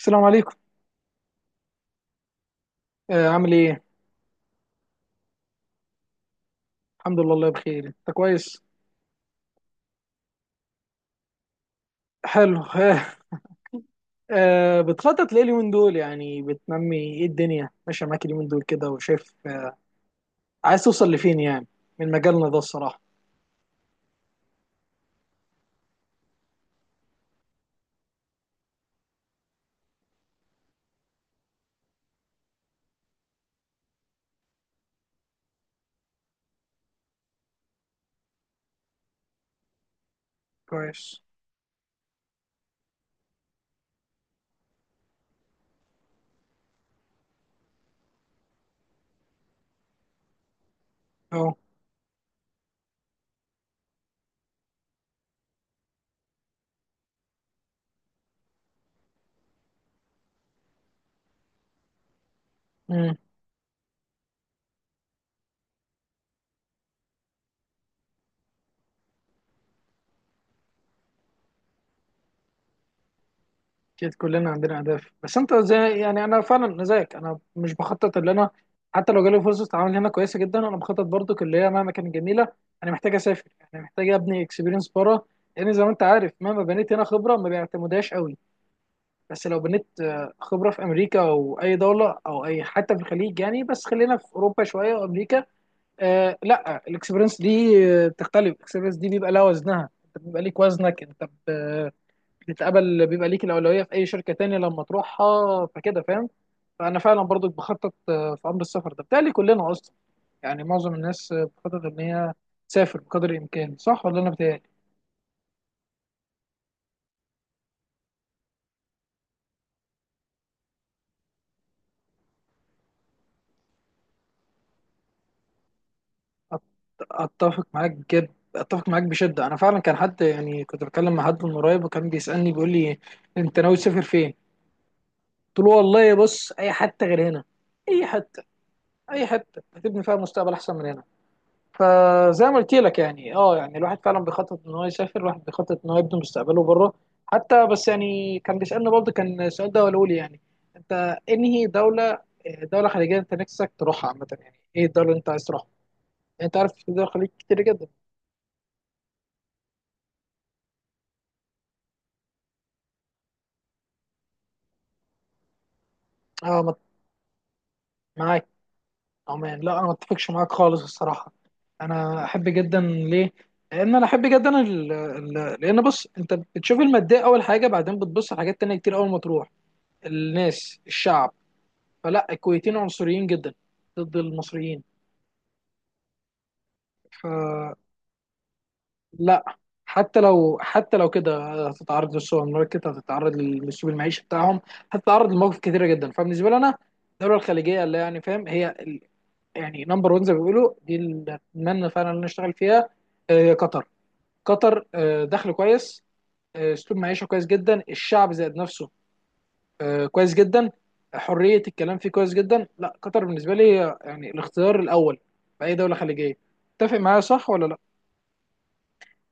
السلام عليكم. عامل ايه؟ الحمد لله الله بخير، انت كويس؟ حلو. بتخطط ليه اليومين دول؟ يعني بتنمي ايه؟ الدنيا ماشيه معاك اليومين دول كده وشايف؟ عايز توصل لفين يعني من مجالنا ده الصراحه؟ كويس. اه. امم. اكيد كلنا عندنا اهداف، بس انت زي يعني انا فعلا أنا زيك، انا مش بخطط اللي انا حتى لو جالي فرصه عمل هنا كويسه جدا انا بخطط برضو اللي هي مهما كانت جميله، انا محتاج اسافر، انا محتاج ابني اكسبيرينس بره، لان زي ما انت عارف مهما بنيت هنا خبره ما بيعتمدهاش قوي. بس لو بنيت خبرة في أمريكا أو أي دولة أو أي حتى في الخليج يعني، بس خلينا في أوروبا شوية وأمريكا. لا الإكسبيرينس دي، بتختلف الإكسبيرينس دي، بيبقى لها وزنها، أنت بيبقى ليك وزنك، بتتقبل، بيبقى ليك الأولوية في أي شركة تانية لما تروحها، فكده فاهم. فأنا فعلا برضو بخطط في أمر السفر ده. بتهيألي كلنا أصلا يعني معظم الناس بتخطط إن هي تسافر بقدر الإمكان، صح ولا أنا بتهيألي؟ اتفق معاك جد، اتفق معاك بشده، انا فعلا كان حد يعني كنت بتكلم مع حد من قريب وكان بيسالني بيقول لي انت ناوي تسافر فين؟ قلت له والله بص اي حته غير هنا، اي حته، اي حته هتبني فيها مستقبل احسن من هنا. فزي ما قلت لك يعني اه يعني الواحد فعلا بيخطط ان هو يسافر، الواحد بيخطط ان هو يبني مستقبله بره. حتى بس يعني كان بيسالني برضه، كان السؤال ده هو لي يعني انت انهي دوله، دوله خليجيه انت نفسك تروحها عامه، يعني ايه الدوله اللي انت عايز تروحها؟ يعني انت عارف في دول الخليج كتير جدا. اه. معاك. عمان لا انا ما اتفقش معاك خالص الصراحه. انا احب جدا ليه؟ لان انا احب جدا ال... ال... لان بص، انت بتشوف الماديه اول حاجه، بعدين بتبص على حاجات تانية كتير اول ما تروح، الناس، الشعب. فلا، الكويتيين عنصريين جدا ضد المصريين. فلا، حتى لو حتى لو كده هتتعرض للسوبر ماركت، هتتعرض للاسلوب المعيشي بتاعهم، هتتعرض لمواقف كتيره جدا. فبالنسبه لي انا الدوله الخليجيه اللي يعني فاهم هي يعني نمبر 1 زي ما بيقولوا دي اللي اتمنى فعلا ان أنا اشتغل فيها قطر. قطر دخل كويس، اسلوب معيشه كويس جدا، الشعب ذات نفسه كويس جدا، حريه الكلام فيه كويس جدا. لا قطر بالنسبه لي يعني الاختيار الاول في اي دوله خليجيه. تتفق معايا صح ولا لا؟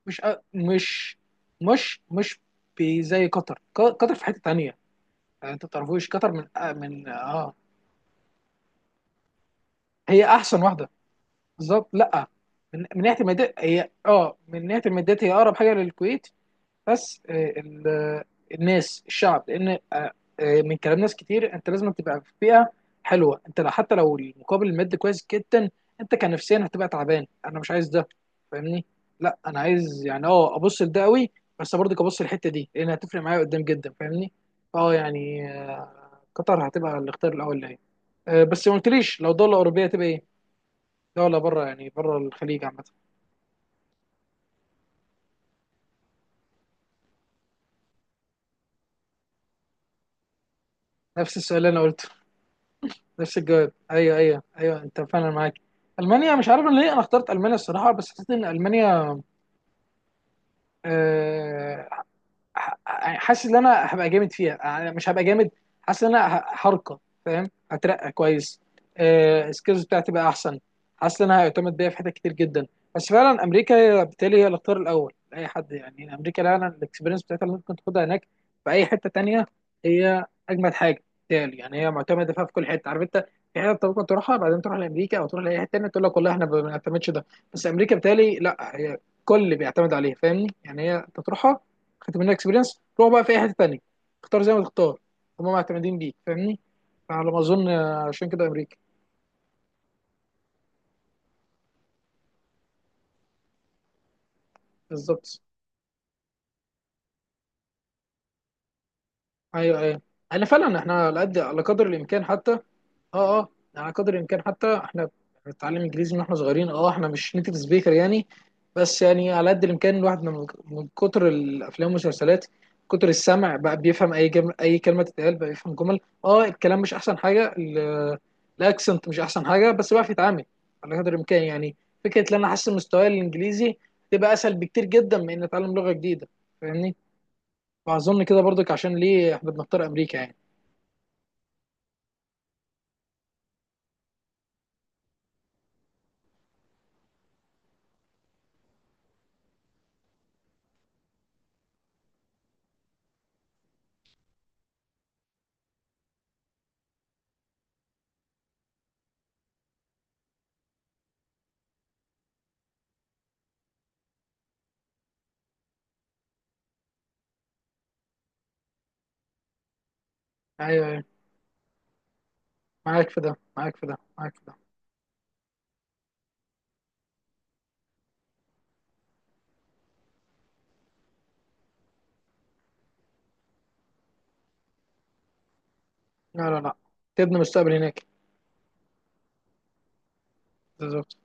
مش أ- مش مش مش بي- زي قطر، قطر في حته تانية، يعني انت ما تعرفوش قطر من هي احسن واحده بالظبط. لا، من ناحيه الماديات هي اه من ناحيه الماديات هي اقرب حاجه للكويت. بس الناس الشعب، لان من كلام ناس كتير انت لازم تبقى في بيئه حلوه، انت لو حتى لو المقابل المادي كويس جدا انت كنفسيا هتبقى تعبان، انا مش عايز ده فاهمني؟ لا انا عايز يعني اه ابص لده قوي بس برضه ابص للحته دي لان هتفرق معايا قدام جدا فاهمني. اه يعني قطر هتبقى الاختيار الاول ليا. بس ما قلتليش لو دوله اوروبيه هتبقى ايه، لا ولا بره يعني بره الخليج عامة. نفس السؤال اللي انا قلته. نفس الجواب، ايوه ايوه ايوه انت فعلا معاك. المانيا مش عارف أنا ليه انا اخترت المانيا الصراحة، بس حسيت ان المانيا آه، ح- حاسس ان انا هبقى جامد فيها، يعني مش هبقى جامد، حاسس ان انا هرقى، فاهم؟ هترقى كويس، السكيلز بتاعتي بقى احسن، حاسس ان انا هيعتمد بيا في حتت كتير جدا. بس فعلا امريكا هي- بالتالي هي الاختيار الاول لاي حد، يعني امريكا فعلا الاكسبيرينس بتاعتها اللي ممكن تاخدها هناك في اي حته تانيه هي اجمد حاجه، بالتالي يعني هي معتمده فيها في كل حته عارف انت. في حته أنت ممكن تروحها بعدين تروح لامريكا او تروح لاي حته تانيه تقول لك والله احنا ما بنعتمدش ده، بس امريكا بالتالي لا هي كل بيعتمد عليها فاهمني، يعني هي انت تروحها خدت منها اكسبيرينس، روح بقى في اي حته تانيه، اختار زي ما تختار، هم معتمدين بيك فاهمني. فعلى ما اظن عشان كده امريكا. بالظبط. ايوه ايوه. انا فعلا احنا على قد على قدر الامكان حتى. اه اه. على قدر الامكان حتى احنا بنتعلم انجليزي من احنا صغيرين، اه احنا مش نيتيف سبيكر يعني، بس يعني على قد الامكان الواحد من من كتر الافلام والمسلسلات، كتر السمع بقى بيفهم اي جم... اي كلمه تتقال بقى بيفهم جمل، اه الكلام مش احسن حاجه الاكسنت مش احسن حاجه بس بقى يتعامل على قدر الامكان يعني. فكره ان انا احسن مستواي الانجليزي تبقى اسهل بكتير جدا من ان اتعلم لغه جديده فاهمني؟ واظن كده برضك عشان ليه احنا بنختار امريكا يعني. ايوه أيوة، معاك في ده معاك في ده معاك في ده. لا لا لا، تبني مستقبل هناك. بالظبط.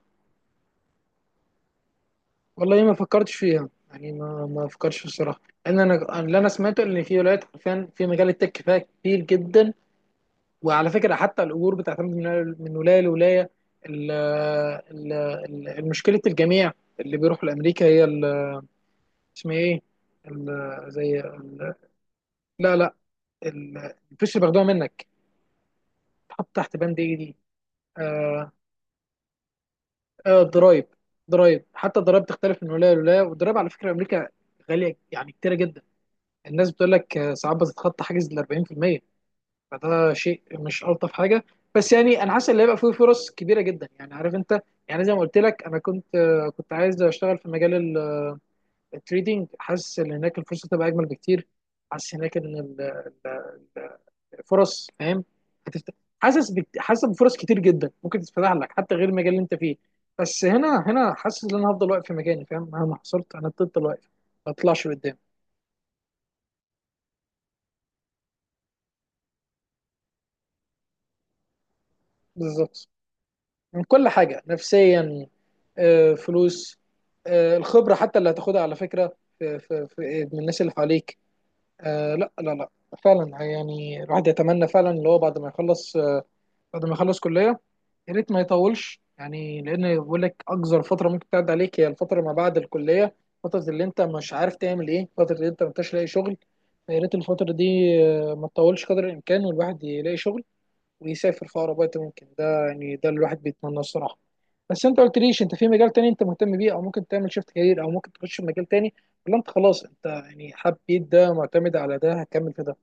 والله ما فكرتش فيها يعني ما ما فكرتش الصراحه، لان انا اللي انا سمعته ان في ولايات حرفيا في مجال التك فيها كتير جدا. وعلى فكره حتى الاجور بتعتمد من من ولايه لولايه، ال- ال- المشكله الجميع اللي بيروحوا لامريكا هي اسمها ايه، ال- زي ال- لا لا، ال- الفلوس اللي بياخدوها منك تحط تحت بند ايه دي؟ آه، ضرايب. ضرايب، حتى الضرايب تختلف من ولايه لولايه، والضرايب على فكره امريكا غاليه، يعني كتيره جدا، الناس بتقول لك ساعات بتتخطى حاجز ال 40%. فده شيء مش الطف حاجه. بس يعني انا حاسس ان هيبقى فيه فرص كبيره جدا يعني عارف انت. يعني زي ما قلت لك انا كنت كنت عايز اشتغل في مجال التريدينج، حاسس ان هناك الفرصه تبقى اجمل بكتير، حاسس هناك ان ال- فرص فاهم هتفتح، حاسس بفرص كتير جدا ممكن تتفتح لك حتى غير المجال اللي انت فيه. بس هنا هنا حاسس ان انا هفضل واقف في مكاني فاهم، مهما حصلت انا هفضل واقف ما اطلعش لقدام. بالظبط. من كل حاجه نفسيا، فلوس، الخبره حتى اللي هتاخدها على فكره في في في من الناس اللي حواليك، لا لا لا. فعلا يعني الواحد يتمنى فعلا اللي هو بعد ما يخلص بعد ما يخلص كليه يا ريت ما يطولش، يعني لان بقول لك اقصر فتره ممكن تعدي عليك هي الفتره ما بعد الكليه، فتره اللي انت مش عارف تعمل ايه، فتره اللي انت ما انتش لاقي شغل. فيا ريت الفتره دي ما تطولش قدر الامكان والواحد يلاقي شغل ويسافر في اقرب وقت ممكن، ده يعني ده اللي الواحد بيتمناه الصراحه. بس انت قلت ليش انت في مجال تاني انت مهتم بيه او ممكن تعمل شيفت كارير او ممكن تخش في مجال تاني، ولا انت خلاص انت يعني حبيت ده معتمد على ده هكمل في ده؟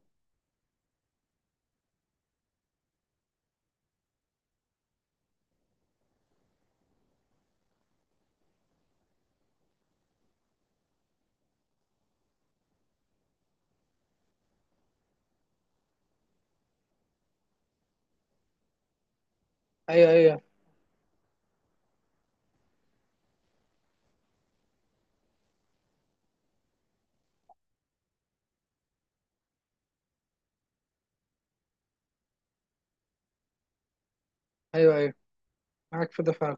ايوه ايوه ايوه ايوه معاك في ده فعلا.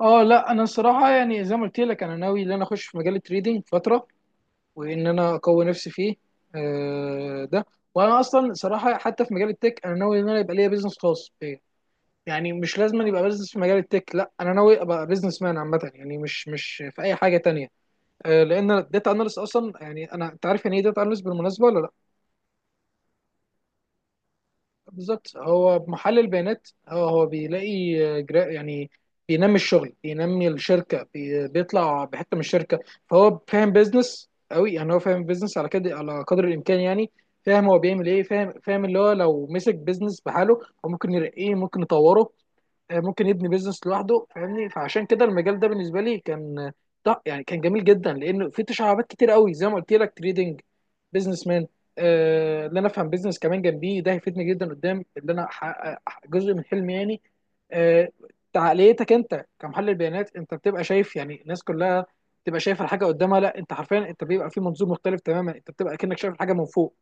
اه لا انا الصراحه يعني زي ما قلت لك انا ناوي ان انا اخش في مجال التريدينج فتره وان انا اقوي نفسي فيه ده. وانا اصلا صراحه حتى في مجال التك انا ناوي ان انا يبقى ليا بيزنس خاص بيا، يعني مش لازم أن يبقى بيزنس في مجال التك، لا انا ناوي ابقى بيزنس مان عامه يعني مش مش في اي حاجه تانية لان الداتا اناليست اصلا يعني انا انت عارف يعني ايه داتا اناليست بالمناسبه ولا؟ بالظبط، هو محلل البيانات، هو هو بيلاقي يعني بينمي الشغل بينمي الشركه بيطلع بحته من الشركه، فهو فاهم بيزنس قوي، يعني هو فاهم بيزنس على كده على قدر الامكان يعني، فاهم هو بيعمل ايه فاهم، فاهم اللي هو لو مسك بيزنس بحاله هو ممكن يرقيه، ممكن يطوره، ممكن يبني بيزنس لوحده فاهمني، فعشان كده المجال ده بالنسبه لي كان لا يعني كان جميل جدا، لانه في تشعبات كتير قوي زي ما قلت لك، تريدنج، بيزنس مان، اللي انا افهم بيزنس كمان جنبيه ده هيفيدني جدا قدام اللي انا احقق جزء من حلمي يعني. آه تعقليتك انت كمحلل بيانات، انت بتبقى شايف يعني الناس كلها بتبقى شايفه الحاجه قدامها، لا انت حرفيا انت بيبقى في منظور مختلف تماما، انت بتبقى كأنك شايف الحاجه من فوق،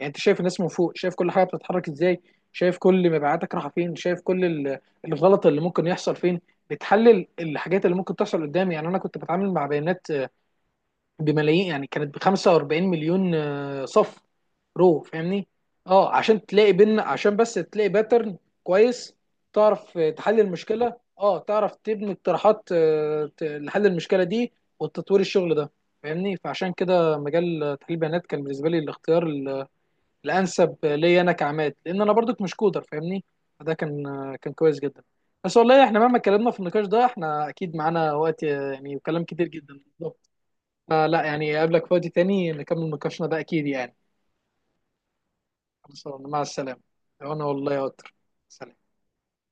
يعني انت شايف الناس من فوق، شايف كل حاجه بتتحرك ازاي، شايف كل مبيعاتك رايحه فين، شايف كل الغلط اللي ممكن يحصل فين، بتحلل الحاجات اللي ممكن تحصل قدامي. يعني انا كنت بتعامل مع بيانات بملايين، يعني كانت ب 45 مليون صف، رو فاهمني؟ اه عشان تلاقي بين عشان بس تلاقي باترن كويس، تعرف تحل المشكله، اه تعرف تبني اقتراحات لحل المشكله دي وتطوير الشغل ده فاهمني. فعشان كده مجال تحليل البيانات كان بالنسبه لي الاختيار الانسب ليا انا كعماد، لان انا برضك مش كودر فاهمني، فده كان كان كويس جدا. بس والله احنا مهما اتكلمنا في النقاش ده احنا اكيد معانا وقت يعني وكلام كتير جدا بالظبط، فلا يعني قابلك في وقت تاني نكمل نقاشنا ده اكيد يعني. خلاص مع السلامه. انا والله يا قطر. سلام.